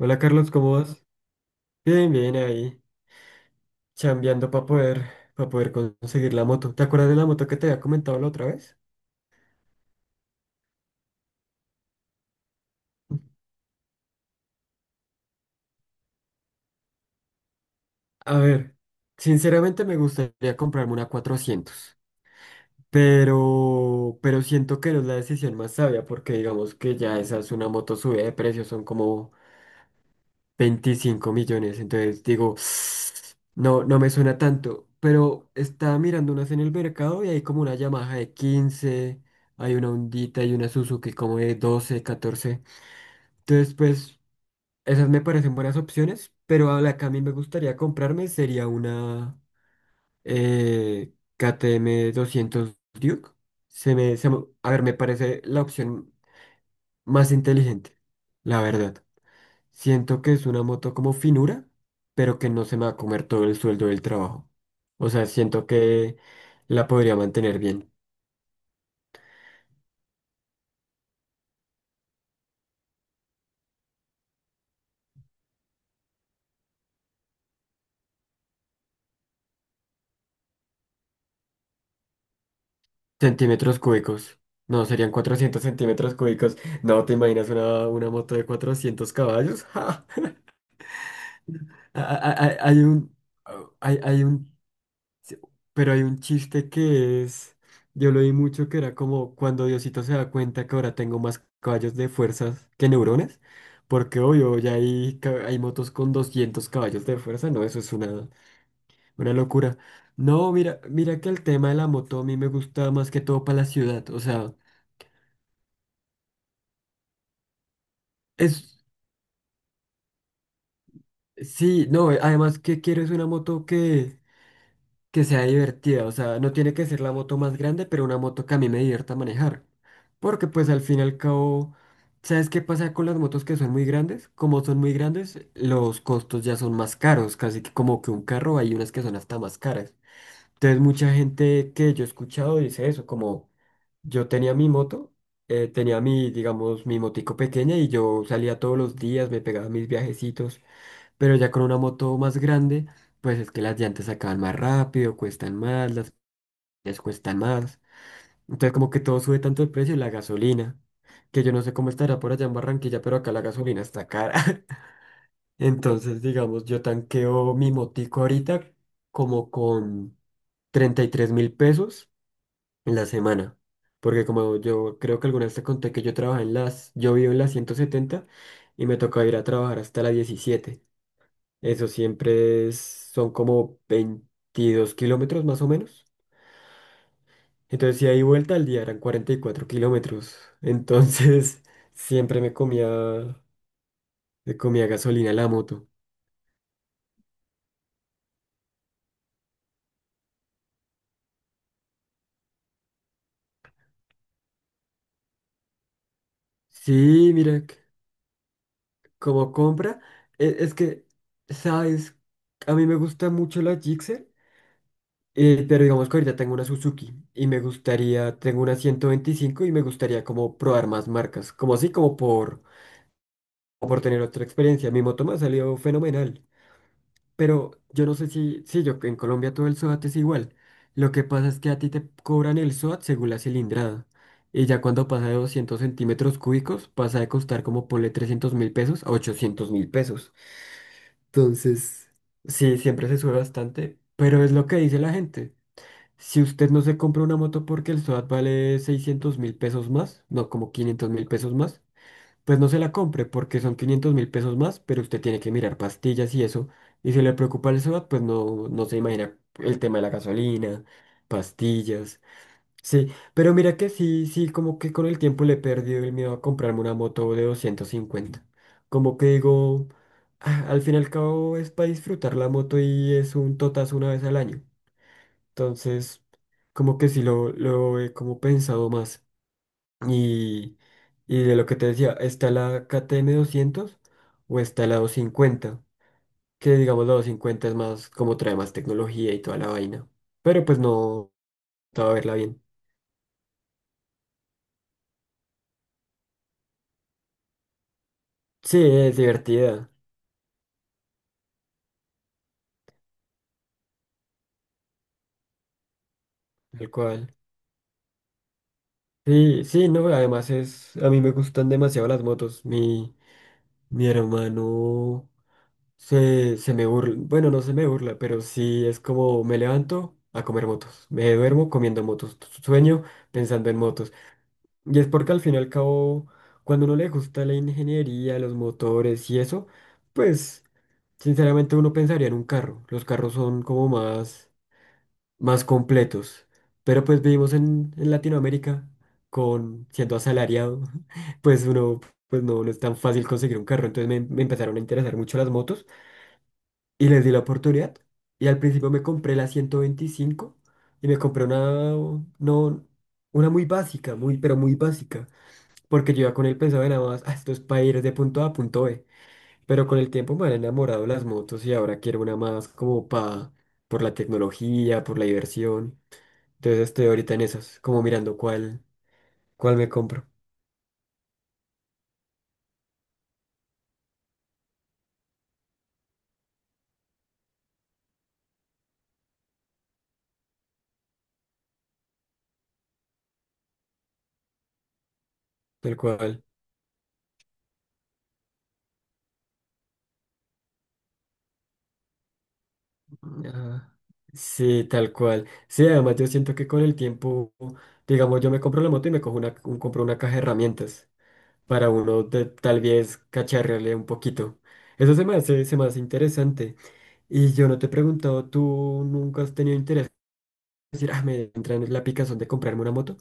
Hola Carlos, ¿cómo vas? Bien, bien, ahí, chambeando para poder conseguir la moto. ¿Te acuerdas de la moto que te había comentado la otra vez? A ver, sinceramente me gustaría comprarme una 400, pero siento que no es la decisión más sabia porque digamos que ya esa es una moto subida de precio, son como 25 millones. Entonces digo, no, no me suena tanto, pero estaba mirando unas en el mercado y hay como una Yamaha de 15. Hay una Hondita y una Suzuki como de 12, 14. Entonces, pues, esas me parecen buenas opciones, pero a la que a mí me gustaría comprarme sería una KTM 200 Duke. A ver, me parece la opción más inteligente, la verdad. Siento que es una moto como finura, pero que no se me va a comer todo el sueldo del trabajo. O sea, siento que la podría mantener bien. Centímetros cúbicos. No, serían 400 centímetros cúbicos. No, ¿te imaginas una moto de 400 caballos? ¡Ja, ja! A- a- a- Hay un, hay un sí. Pero hay un chiste que es, yo lo vi mucho, que era como cuando Diosito se da cuenta que ahora tengo más caballos de fuerzas que neuronas, porque obvio, ya hay motos con 200 caballos de fuerza. No, eso es una locura. No, mira, que el tema de la moto a mí me gusta más que todo para la ciudad, o sea, es, sí, no, además que quiero es una moto que sea divertida. O sea, no tiene que ser la moto más grande, pero una moto que a mí me divierta manejar. Porque pues al fin y al cabo, ¿sabes qué pasa con las motos que son muy grandes? Como son muy grandes, los costos ya son más caros, casi que como que un carro, hay unas que son hasta más caras. Entonces mucha gente que yo he escuchado dice eso, como yo tenía mi moto, tenía mi, digamos, mi motico pequeña y yo salía todos los días, me pegaba mis viajecitos. Pero ya con una moto más grande, pues es que las llantas se acaban más rápido, cuestan más, las piezas cuestan más. Entonces como que todo sube tanto el precio, la gasolina, que yo no sé cómo estará por allá en Barranquilla, pero acá la gasolina está cara. Entonces, digamos, yo tanqueo mi motico ahorita como con 33 mil pesos en la semana. Porque como yo creo que alguna vez te conté que yo trabajaba en las, yo vivo en las 170 y me toca ir a trabajar hasta la 17. Eso siempre es- Son como 22 kilómetros más o menos. Entonces, si hay vuelta al día, eran 44 kilómetros. Entonces siempre me comía gasolina la moto. Sí, mira, como compra, e- es, que, ¿sabes? A mí me gusta mucho la Gixxer, pero digamos que ahorita tengo una Suzuki y me gustaría, tengo una 125 y me gustaría como probar más marcas, como así, como por tener otra experiencia. Mi moto me ha salido fenomenal. Pero yo no sé si, sí, yo en Colombia todo el SOAT es igual. Lo que pasa es que a ti te cobran el SOAT según la cilindrada. Y ya cuando pasa de 200 centímetros cúbicos, pasa de costar como ponle 300.000 pesos a 800.000 pesos. Entonces sí, siempre se sube bastante, pero es lo que dice la gente. Si usted no se compra una moto porque el SOAT vale 600.000 pesos más, no, como 500.000 pesos más, pues no se la compre porque son 500.000 pesos más, pero usted tiene que mirar pastillas y eso. Y si le preocupa el SOAT, pues no, no se imagina el tema de la gasolina, pastillas. Sí, pero mira que sí, sí, como que con el tiempo le he perdido el miedo a comprarme una moto de 250. Como que digo, "Ah, al fin y al cabo es para disfrutar la moto y es un totazo una vez al año". Entonces, como que sí lo he como pensado más. Y, y de lo que te decía, está la KTM 200 o está la 250, que digamos la 250 es más, como trae más tecnología y toda la vaina. Pero pues no te va a verla bien. Sí, es divertida, tal cual. Sí, sí, no, además es, a mí me gustan demasiado las motos. Mi hermano se me burla, bueno, no se me burla, pero sí es como me levanto a comer motos, me duermo comiendo motos, sueño pensando en motos. Y es porque al fin y al cabo, cuando uno le gusta la ingeniería, los motores y eso, pues sinceramente uno pensaría en un carro. Los carros son como más, más completos. Pero pues vivimos en Latinoamérica con siendo asalariado, pues uno, pues no, no es tan fácil conseguir un carro. Entonces me empezaron a interesar mucho las motos y les di la oportunidad. Y al principio me compré la 125 y me compré una, no, una muy básica, muy, pero muy básica. Porque yo iba con el pensaba nada más, "Ah, esto es para ir de punto A a punto B". Pero con el tiempo me han enamorado las motos y ahora quiero una más como para, por la tecnología, por la diversión. Entonces estoy ahorita en esas, como mirando cuál, cuál me compro, tal cual. Ajá. Sí, tal cual. Sí, además yo siento que con el tiempo, digamos, yo me compro la moto y me cojo una, un- compro una caja de herramientas para uno de, tal vez cacharrearle un poquito. Eso se me hace interesante. Y yo no te he preguntado, ¿tú nunca has tenido interés en decir, ah, me entra en la picazón de comprarme una moto?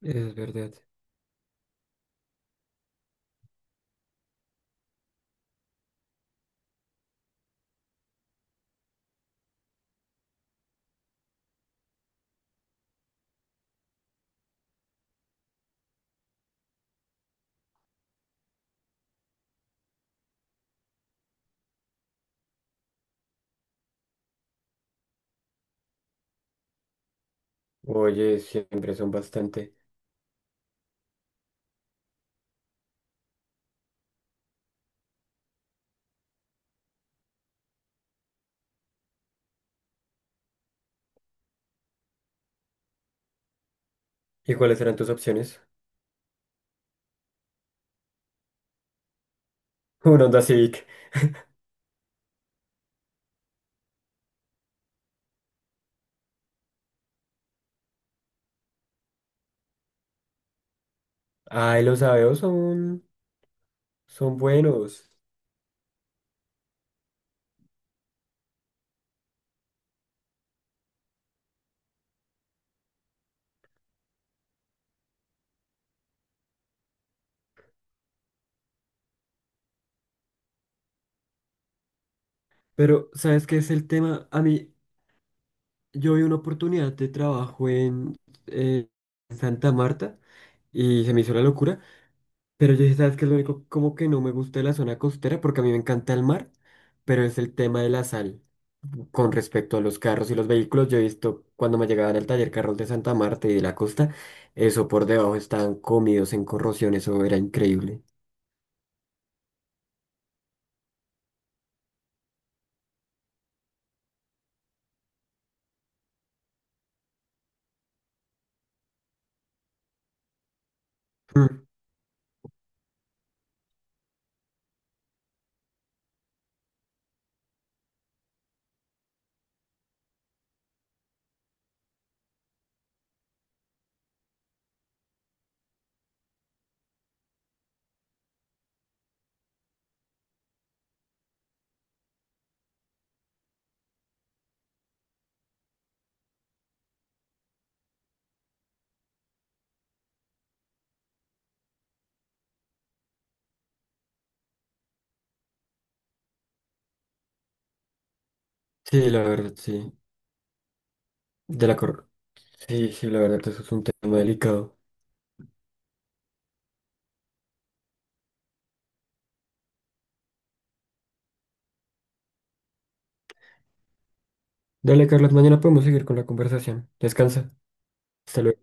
Es verdad. Oye, siempre son bastante. ¿Y cuáles eran tus opciones? Un Honda Civic. Ay, los Aveos son, son buenos. Pero ¿sabes qué es el tema? A mí, yo vi una oportunidad de trabajo en, eh, Santa Marta y se me hizo la locura. Pero yo dije, ¿sabes qué es lo único como que no me gusta de la zona costera? Porque a mí me encanta el mar, pero es el tema de la sal. Con respecto a los carros y los vehículos, yo he visto cuando me llegaban al taller carros de Santa Marta y de la costa, eso por debajo estaban comidos en corrosión, eso era increíble. Mm. Sí, la verdad, sí. De la cor- Sí, sí, la verdad, eso es un tema delicado. Dale, Carlos, mañana podemos seguir con la conversación. Descansa. Hasta luego.